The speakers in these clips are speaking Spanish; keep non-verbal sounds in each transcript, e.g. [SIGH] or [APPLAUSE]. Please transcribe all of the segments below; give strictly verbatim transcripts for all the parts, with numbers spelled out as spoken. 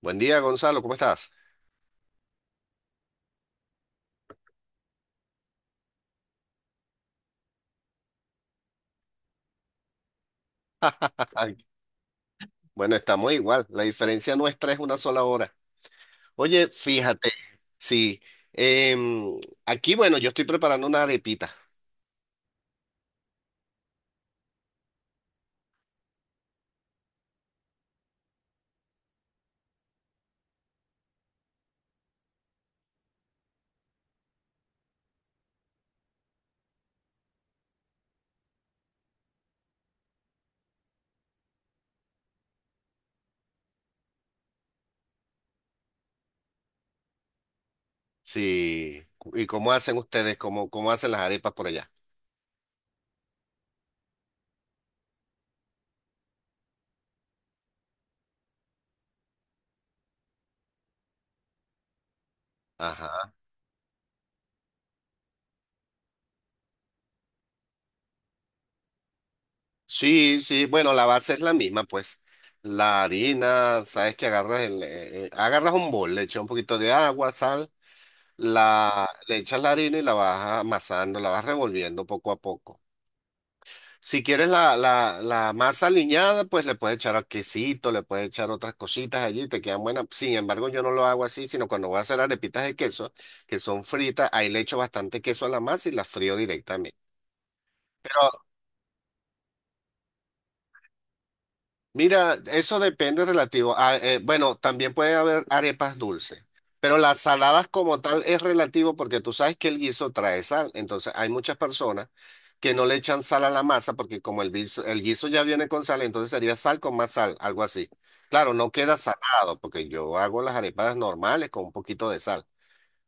Buen día, Gonzalo, ¿cómo estás? [LAUGHS] Bueno, estamos igual, la diferencia nuestra es una sola hora. Oye, fíjate, sí, em, aquí, bueno, yo estoy preparando una arepita, sí. ¿Y cómo hacen ustedes? ¿Cómo, cómo hacen las arepas por allá? Ajá, sí, sí, bueno, la base es la misma, pues, la harina. Sabes que agarras el, eh, eh, agarras un bol, le echas un poquito de agua, sal, la, le echas la harina y la vas amasando, la vas revolviendo poco a poco. Si quieres la, la, la masa aliñada, pues le puedes echar quesito, le puedes echar otras cositas allí, te quedan buenas. Sin embargo, yo no lo hago así, sino cuando voy a hacer arepitas de queso, que son fritas, ahí le echo bastante queso a la masa y las frío directamente. Mira, eso depende relativo a, eh, bueno, también puede haber arepas dulces, pero las saladas como tal es relativo porque tú sabes que el guiso trae sal, entonces hay muchas personas que no le echan sal a la masa porque como el guiso, el guiso ya viene con sal, entonces sería sal con más sal, algo así. Claro, no queda salado porque yo hago las arepas normales con un poquito de sal,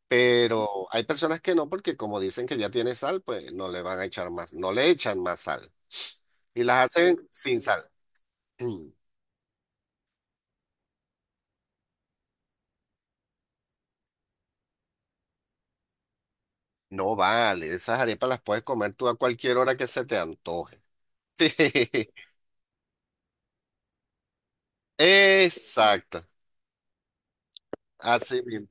pero hay personas que no porque como dicen que ya tiene sal, pues no le van a echar más, no le echan más sal y las hacen sin sal. [CLEARS THROAT] No vale, esas arepas las puedes comer tú a cualquier hora que se te antoje. [LAUGHS] Sí. Exacto, así mismo.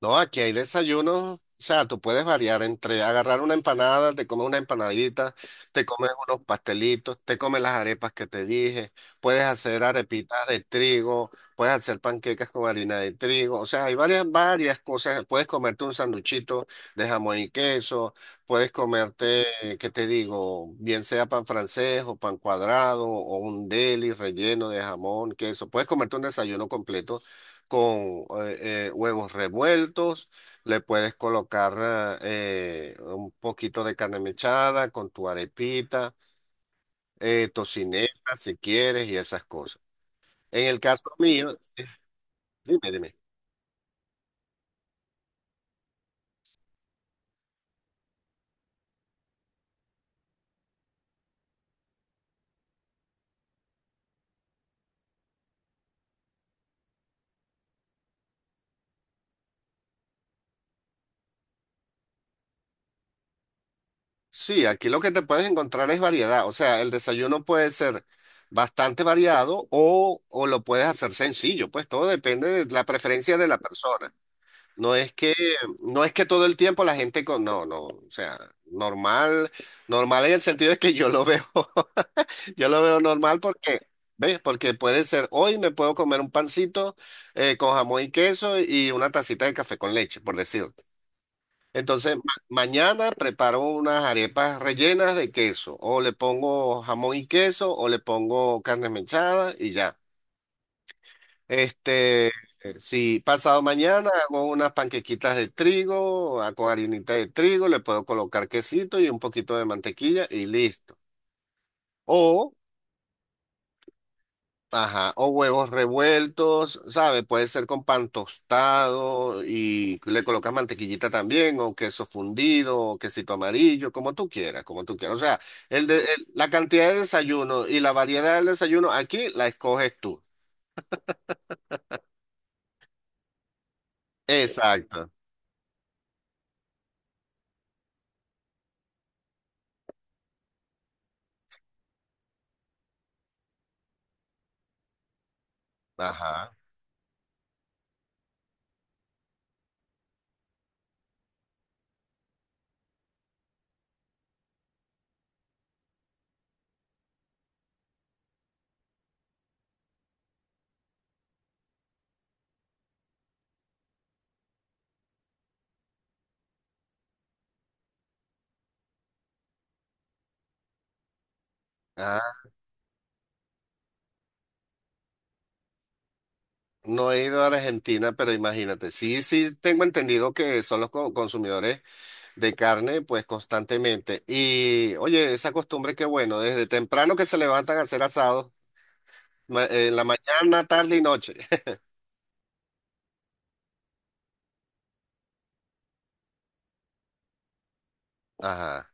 No, aquí hay desayunos, o sea, tú puedes variar entre agarrar una empanada, te comes una empanadita, te comes unos pastelitos, te comes las arepas que te dije, puedes hacer arepitas de trigo, puedes hacer panquecas con harina de trigo, o sea, hay varias, varias cosas, puedes comerte un sanduchito de jamón y queso, puedes comerte, ¿qué te digo? Bien sea pan francés o pan cuadrado o un deli relleno de jamón, queso. Puedes comerte un desayuno completo con eh, eh, huevos revueltos, le puedes colocar eh, eh, un poquito de carne mechada con tu arepita, eh, tocineta si quieres y esas cosas. En el caso mío, sí. Dime, dime. Sí, aquí lo que te puedes encontrar es variedad, o sea, el desayuno puede ser bastante variado o, o lo puedes hacer sencillo, pues todo depende de la preferencia de la persona. No es que, no es que todo el tiempo la gente con, no, no, o sea, normal, normal en el sentido de que yo lo veo, [LAUGHS] yo lo veo normal porque, ¿ves? Porque puede ser, hoy me puedo comer un pancito eh, con jamón y queso y una tacita de café con leche, por decirte. Entonces, ma- mañana preparo unas arepas rellenas de queso, o le pongo jamón y queso, o le pongo carne mechada y ya. Este, si pasado mañana hago unas panquequitas de trigo, ah, con harinita de trigo, le puedo colocar quesito y un poquito de mantequilla y listo. O, ajá, o huevos revueltos, ¿sabe? Puede ser con pan tostado y le colocas mantequillita también, o queso fundido, o quesito amarillo, como tú quieras, como tú quieras. O sea, el de- el- la cantidad de desayuno y la variedad del desayuno aquí la escoges tú. Exacto. Ajá. No he ido a Argentina, pero imagínate, sí, sí tengo entendido que son los co- consumidores de carne, pues constantemente. Y oye, esa costumbre que bueno, desde temprano que se levantan a hacer asados, ma- en la mañana, tarde y noche. [LAUGHS] Ajá,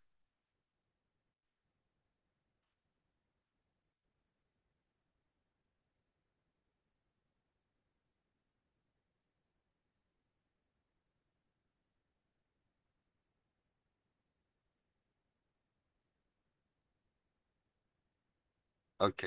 ok.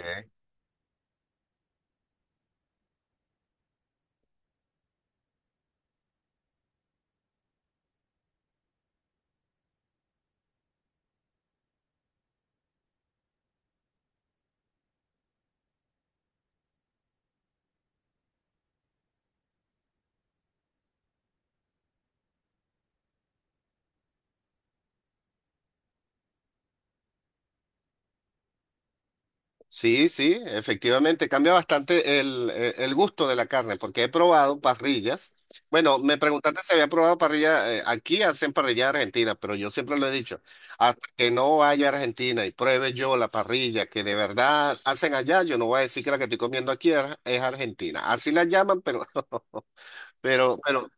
Sí, sí, efectivamente, cambia bastante el, eh, el gusto de la carne, porque he probado parrillas. Bueno, me preguntaste si había probado parrilla, eh, aquí hacen parrilla argentina, pero yo siempre lo he dicho, hasta que no vaya a Argentina y pruebe yo la parrilla que de verdad hacen allá, yo no voy a decir que la que estoy comiendo aquí es, es argentina. Así la llaman, pero, [LAUGHS] pero, pero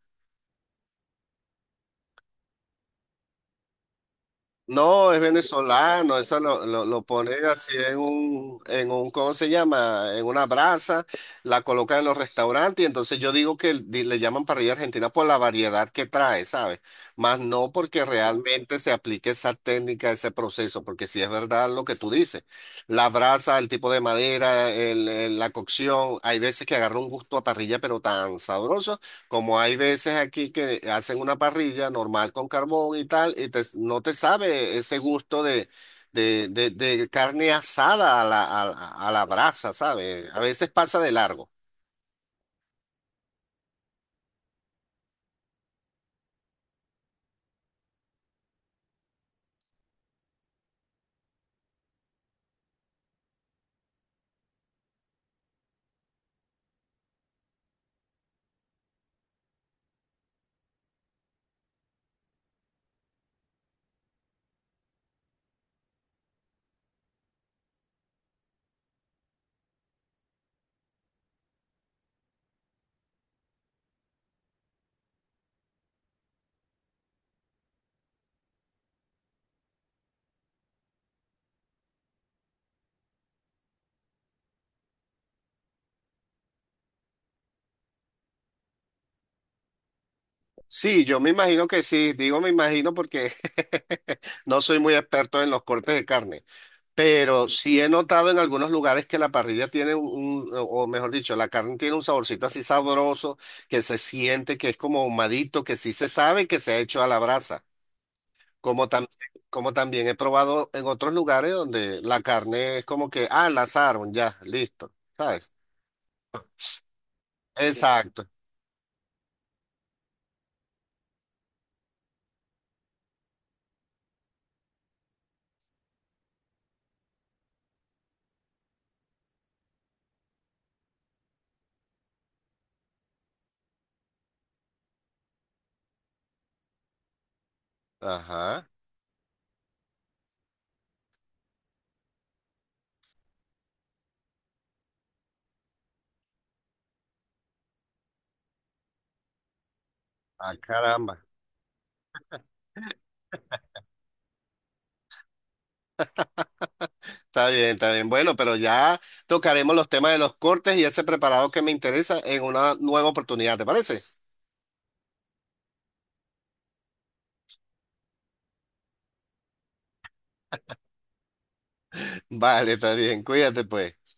No, es venezolano, eso lo, lo, lo ponen así en un, en un, ¿cómo se llama? En una brasa, la colocan en los restaurantes y entonces yo digo que di- le llaman parrilla argentina por la variedad que trae, ¿sabes? Más no porque realmente se aplique esa técnica, ese proceso, porque si es verdad lo que tú dices, la brasa, el tipo de madera, el- el- la cocción, hay veces que agarra un gusto a parrilla pero tan sabroso como hay veces aquí que hacen una parrilla normal con carbón y tal, y te- no te sabe ese gusto de, de, de- de carne asada a la, a, a la brasa, ¿sabes? A veces pasa de largo. Sí, yo me imagino que sí, digo me imagino porque [LAUGHS] no soy muy experto en los cortes de carne, pero sí he notado en algunos lugares que la parrilla tiene un, un- o mejor dicho, la carne tiene un saborcito así sabroso que se siente que es como ahumadito, que sí se sabe que se ha hecho a la brasa. Como tam como también he probado en otros lugares donde la carne es como que, ah, la asaron, ya, listo, ¿sabes? Exacto. Ajá. Ah, caramba. Está bien, está bien. Bueno, pero ya tocaremos los temas de los cortes y ese preparado que me interesa en una nueva oportunidad, ¿te parece? [LAUGHS] Vale, está bien. Cuídate, pues.